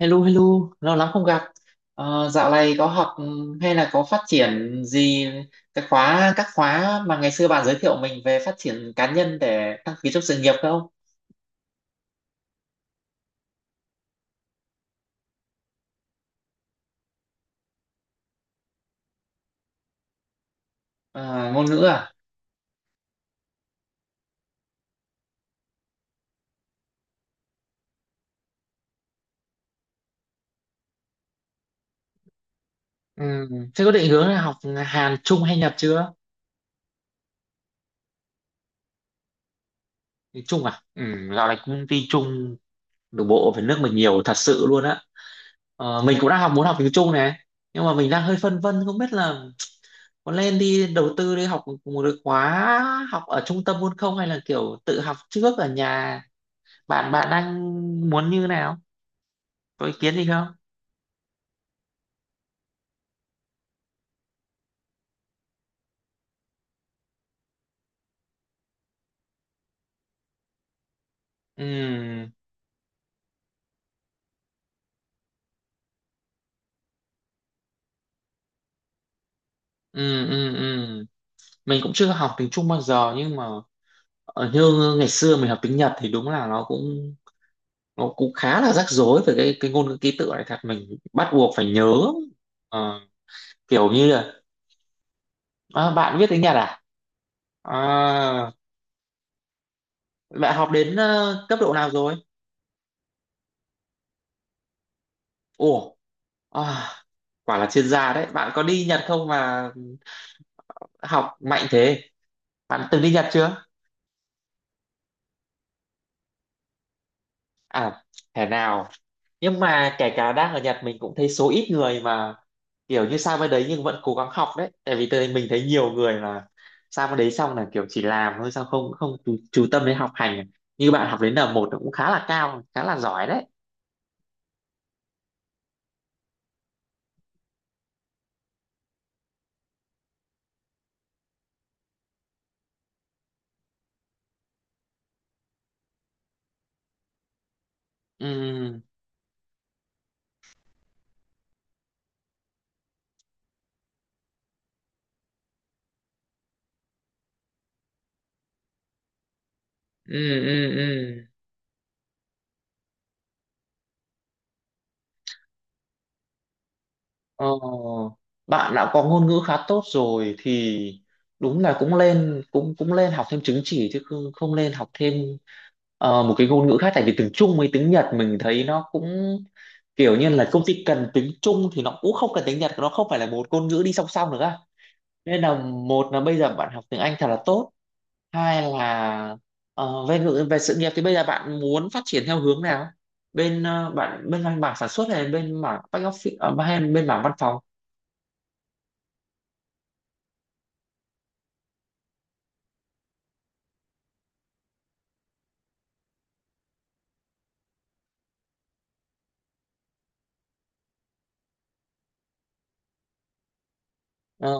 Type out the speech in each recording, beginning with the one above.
Hello, hello, lâu lắm không gặp. Dạo này có học, hay là có phát triển gì cái khóa các khóa mà ngày xưa bạn giới thiệu mình về phát triển cá nhân để đăng ký trong sự nghiệp không? Ờ, ngôn ngữ à? Ừ. Thế có định hướng là học Hàn, Trung hay Nhật chưa? Thì Trung à? Ừ, dạo này công ty Trung nội bộ về nước mình nhiều thật sự luôn á. Mình cũng đang học muốn học tiếng Trung này, nhưng mà mình đang hơi phân vân không biết là có lên đi đầu tư đi học một cái khóa học ở trung tâm luôn không, hay là kiểu tự học trước ở nhà. Bạn bạn đang muốn như nào, có ý kiến gì không? Ừ, ừ, ừ. Ừ, mình cũng chưa học tiếng Trung bao giờ, nhưng mà như ngày xưa mình học tiếng Nhật thì đúng là nó cũng khá là rắc rối về cái ngôn ngữ ký tự này, thật mình bắt buộc phải nhớ. Ờ, Kiểu như là, à, bạn biết tiếng Nhật à? À, bạn học đến cấp độ nào rồi? Ủa, à, quả là chuyên gia đấy. Bạn có đi Nhật không mà học mạnh thế? Bạn từng đi Nhật chưa? À, thế nào? Nhưng mà kể cả đang ở Nhật mình cũng thấy số ít người mà kiểu như sang bên đấy nhưng vẫn cố gắng học đấy. Tại vì mình thấy nhiều người là sang bên đấy xong là kiểu chỉ làm thôi, sao không không chú tâm đến học hành. Như bạn học đến N1 cũng khá là cao, khá là giỏi đấy. Ừ, ừ, ừ, ừ. Ờ, Bạn đã có ngôn ngữ khá tốt rồi thì đúng là cũng lên cũng cũng lên học thêm chứng chỉ, chứ không lên học thêm một cái ngôn ngữ khác. Tại vì tiếng Trung với tiếng Nhật mình thấy nó cũng kiểu như là công ty cần tiếng Trung thì nó cũng không cần tiếng Nhật, nó không phải là một ngôn ngữ đi song song được á. Nên là một là bây giờ bạn học tiếng Anh thật là tốt, hai là về sự nghiệp thì bây giờ bạn muốn phát triển theo hướng nào, bạn bên mảng sản xuất hay bên mảng back office, hay bên mảng văn phòng? Ờ,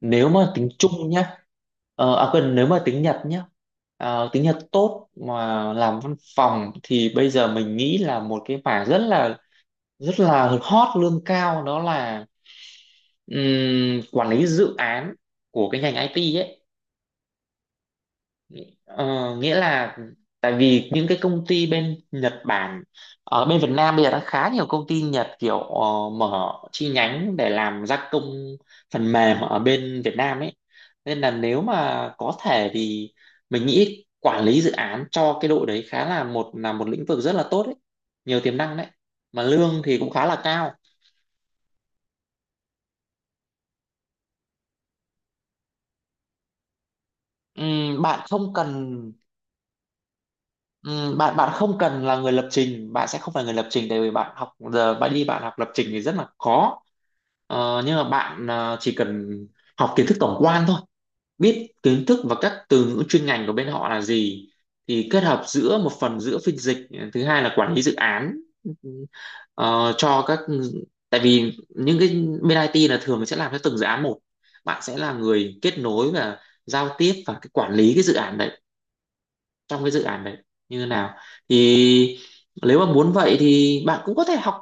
Nếu mà tính chung nhá, à quên, nếu mà tính Nhật nhá, tính Nhật tốt mà làm văn phòng thì bây giờ mình nghĩ là một cái mảng rất là hot, lương cao, đó là quản lý dự án của cái ngành IT ấy. Ờ, nghĩa là tại vì những cái công ty bên Nhật Bản ở bên Việt Nam bây giờ đã khá nhiều công ty Nhật kiểu mở chi nhánh để làm gia công phần mềm ở bên Việt Nam ấy, nên là nếu mà có thể thì mình nghĩ quản lý dự án cho cái đội đấy khá là một lĩnh vực rất là tốt đấy, nhiều tiềm năng đấy, mà lương thì cũng khá là cao. Ừm, bạn không cần bạn không cần là người lập trình, bạn sẽ không phải người lập trình, tại vì bạn học giờ bạn đi bạn học lập trình thì rất là khó. Nhưng mà bạn chỉ cần học kiến thức tổng quan thôi, biết kiến thức và các từ ngữ chuyên ngành của bên họ là gì, thì kết hợp giữa một phần giữa phiên dịch, thứ hai là quản lý dự án. Ờ, cho các tại vì những cái bên IT là thường sẽ làm cho từng dự án một, bạn sẽ là người kết nối và giao tiếp và cái quản lý cái dự án đấy, trong cái dự án đấy như thế nào, thì nếu mà muốn vậy thì bạn cũng có thể học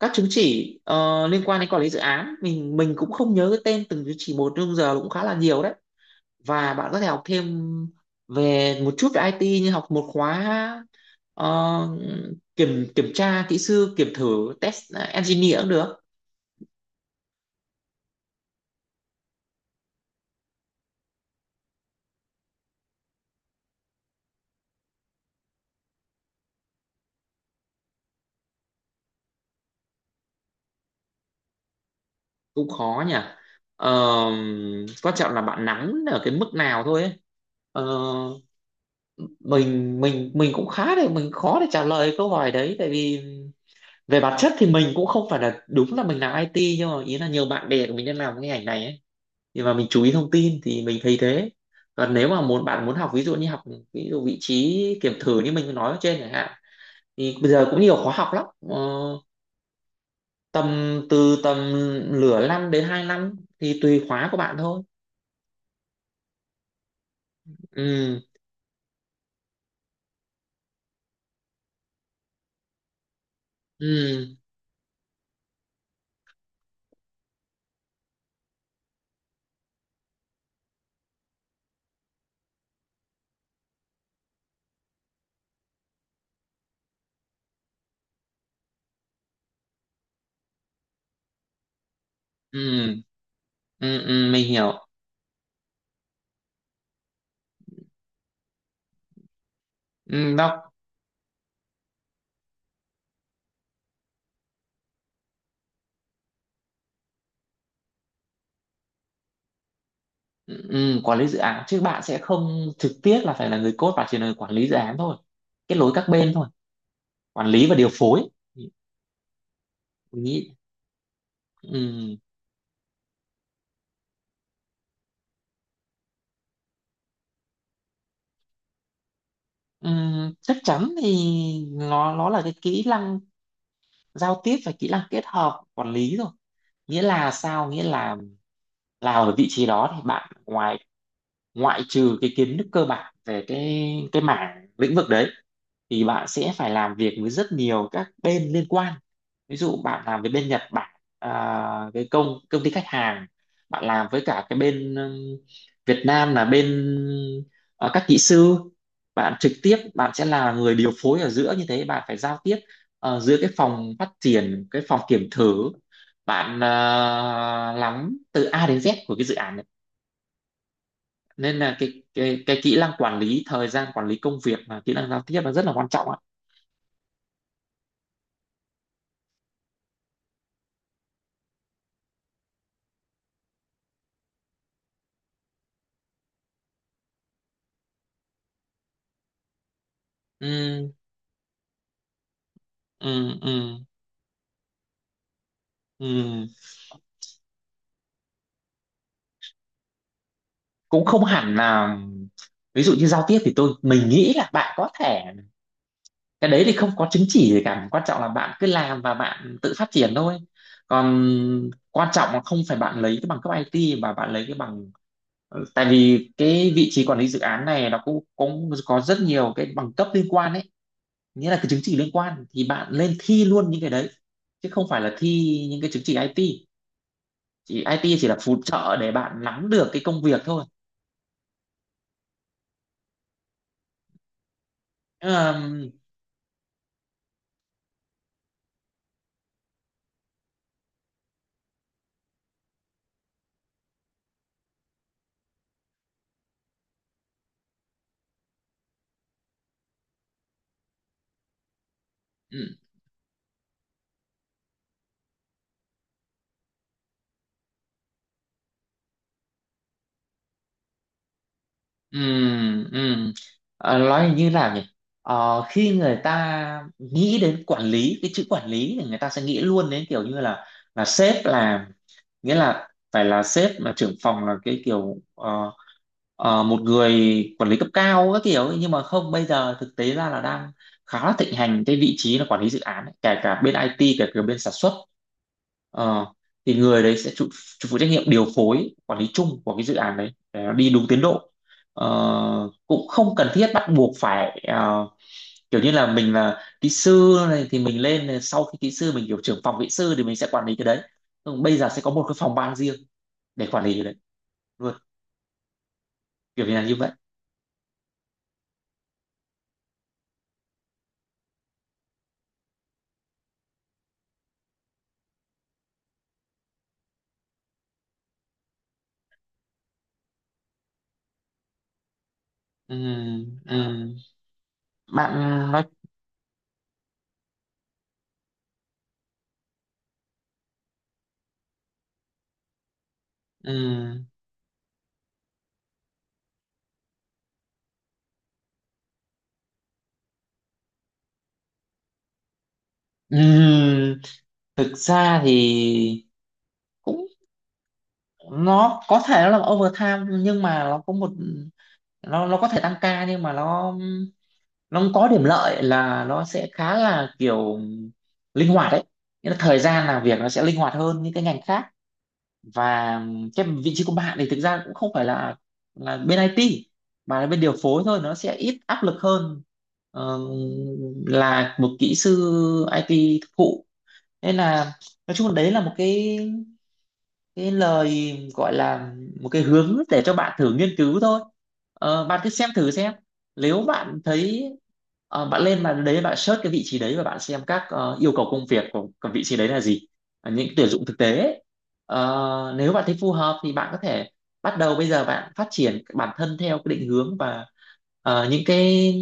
các chứng chỉ liên quan đến quản lý dự án. Mình cũng không nhớ cái tên từng chứng chỉ một, nhưng giờ cũng khá là nhiều đấy. Và bạn có thể học thêm về một chút về IT, như học một khóa, ờ, kiểm kiểm tra kỹ sư kiểm thử, test engineer cũng được. Cũng khó nhỉ. Ờ, Quan trọng là bạn nắm ở cái mức nào thôi ấy. Ờ, mình cũng khá để mình khó để trả lời câu hỏi đấy, tại vì về bản chất thì mình cũng không phải là, đúng là mình làm IT, nhưng mà ý là nhiều bạn bè của mình đang làm cái ngành này ấy, thì mà mình chú ý thông tin thì mình thấy thế. Còn nếu mà bạn muốn học, ví dụ như học, ví dụ vị trí kiểm thử như mình nói ở trên chẳng hạn, thì bây giờ cũng nhiều khóa học lắm, tầm từ nửa năm đến 2 năm, thì tùy khóa của bạn thôi. Ừ. Ừ, ừ, ừ, ừ mình hiểu. Ừ, nó, ừ, quản lý dự án chứ bạn sẽ không trực tiếp là phải là người code, bạn chỉ là người quản lý dự án thôi, kết nối các bên thôi. Quản lý và điều phối. Mình nghĩ, ừ, ừ, chắc chắn thì nó là cái kỹ năng giao tiếp và kỹ năng kết hợp quản lý rồi. Nghĩa là sao, nghĩa là ở vị trí đó thì bạn ngoại trừ cái kiến thức cơ bản về cái mảng lĩnh vực đấy, thì bạn sẽ phải làm việc với rất nhiều các bên liên quan. Ví dụ bạn làm với bên Nhật Bản, à, cái công công ty khách hàng, bạn làm với cả cái bên, Việt Nam là bên, ờ, các kỹ sư, bạn trực tiếp bạn sẽ là người điều phối ở giữa. Như thế bạn phải giao tiếp giữa cái phòng phát triển, cái phòng kiểm thử, bạn lắm từ A đến Z của cái dự án này. Nên là cái kỹ năng quản lý thời gian, quản lý công việc và kỹ năng giao tiếp là rất là quan trọng ạ. Ừm, ừ, ừ, ừ. Cũng không hẳn là, ví dụ như giao tiếp thì mình nghĩ là bạn có thể, cái đấy thì không có chứng chỉ gì cả, quan trọng là bạn cứ làm và bạn tự phát triển thôi. Còn quan trọng là không phải bạn lấy cái bằng cấp IT mà bạn lấy cái bằng, ừ, tại vì cái vị trí quản lý dự án này nó cũng cũng có rất nhiều cái bằng cấp liên quan ấy. Nghĩa là cái chứng chỉ liên quan thì bạn lên thi luôn những cái đấy, chứ không phải là thi những cái chứng chỉ IT. Chỉ IT là phụ trợ để bạn nắm được cái công việc thôi. Ờm, ừm. Ừ, ừ. Nói như nào nhỉ? Khi người ta nghĩ đến quản lý, cái chữ quản lý, thì người ta sẽ nghĩ luôn đến kiểu như là sếp, là, nghĩa là phải là sếp, là trưởng phòng, là cái kiểu, một người quản lý cấp cao các kiểu ấy. Nhưng mà không, bây giờ thực tế ra là đang khá là thịnh hành cái vị trí là quản lý dự án ấy. Kể cả bên IT, kể cả bên sản xuất. Ờ, thì người đấy sẽ chịu chịu phụ trách nhiệm điều phối quản lý chung của cái dự án đấy để nó đi đúng tiến độ. Ờ, cũng không cần thiết bắt buộc phải, kiểu như là mình là kỹ sư này thì mình lên này, sau khi kỹ sư mình kiểu trưởng phòng kỹ sư thì mình sẽ quản lý cái đấy. Nhưng bây giờ sẽ có một cái phòng ban riêng để quản lý cái đấy luôn, kiểu như là như vậy. Ừm, ừm. Bạn nói, ừm, ừm. Thực ra thì cũng, nó có thể nó là overtime, nhưng mà nó có thể tăng ca, nhưng mà nó không có điểm lợi là nó sẽ khá là kiểu linh hoạt đấy. Nghĩa là thời gian làm việc nó sẽ linh hoạt hơn những cái ngành khác. Và cái vị trí của bạn thì thực ra cũng không phải là bên IT, mà là bên điều phối thôi, nó sẽ ít áp lực hơn ờ, là một kỹ sư IT thực thụ. Nên là nói chung là đấy là một cái lời, gọi là một cái hướng để cho bạn thử nghiên cứu thôi. Bạn cứ xem thử xem, nếu bạn thấy, bạn search cái vị trí đấy và bạn xem các yêu cầu công việc của vị trí đấy là gì. Những tuyển dụng thực tế ấy. Nếu bạn thấy phù hợp thì bạn có thể bắt đầu bây giờ bạn phát triển bản thân theo cái định hướng và những cái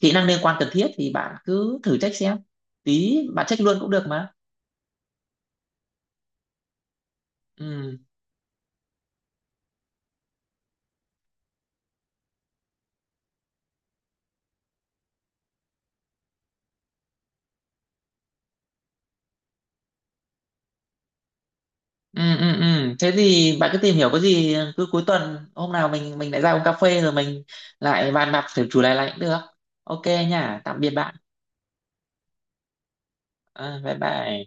kỹ năng liên quan cần thiết, thì bạn cứ thử check xem, tí bạn check luôn cũng được mà. Ừ, ừ, ừ. Ừ, thế thì bạn cứ tìm hiểu, có gì cứ cuối tuần hôm nào mình lại ra uống cà phê rồi mình lại bàn bạc thử chủ đề này cũng được. Ok nha, tạm biệt bạn. Ờ, bye bye.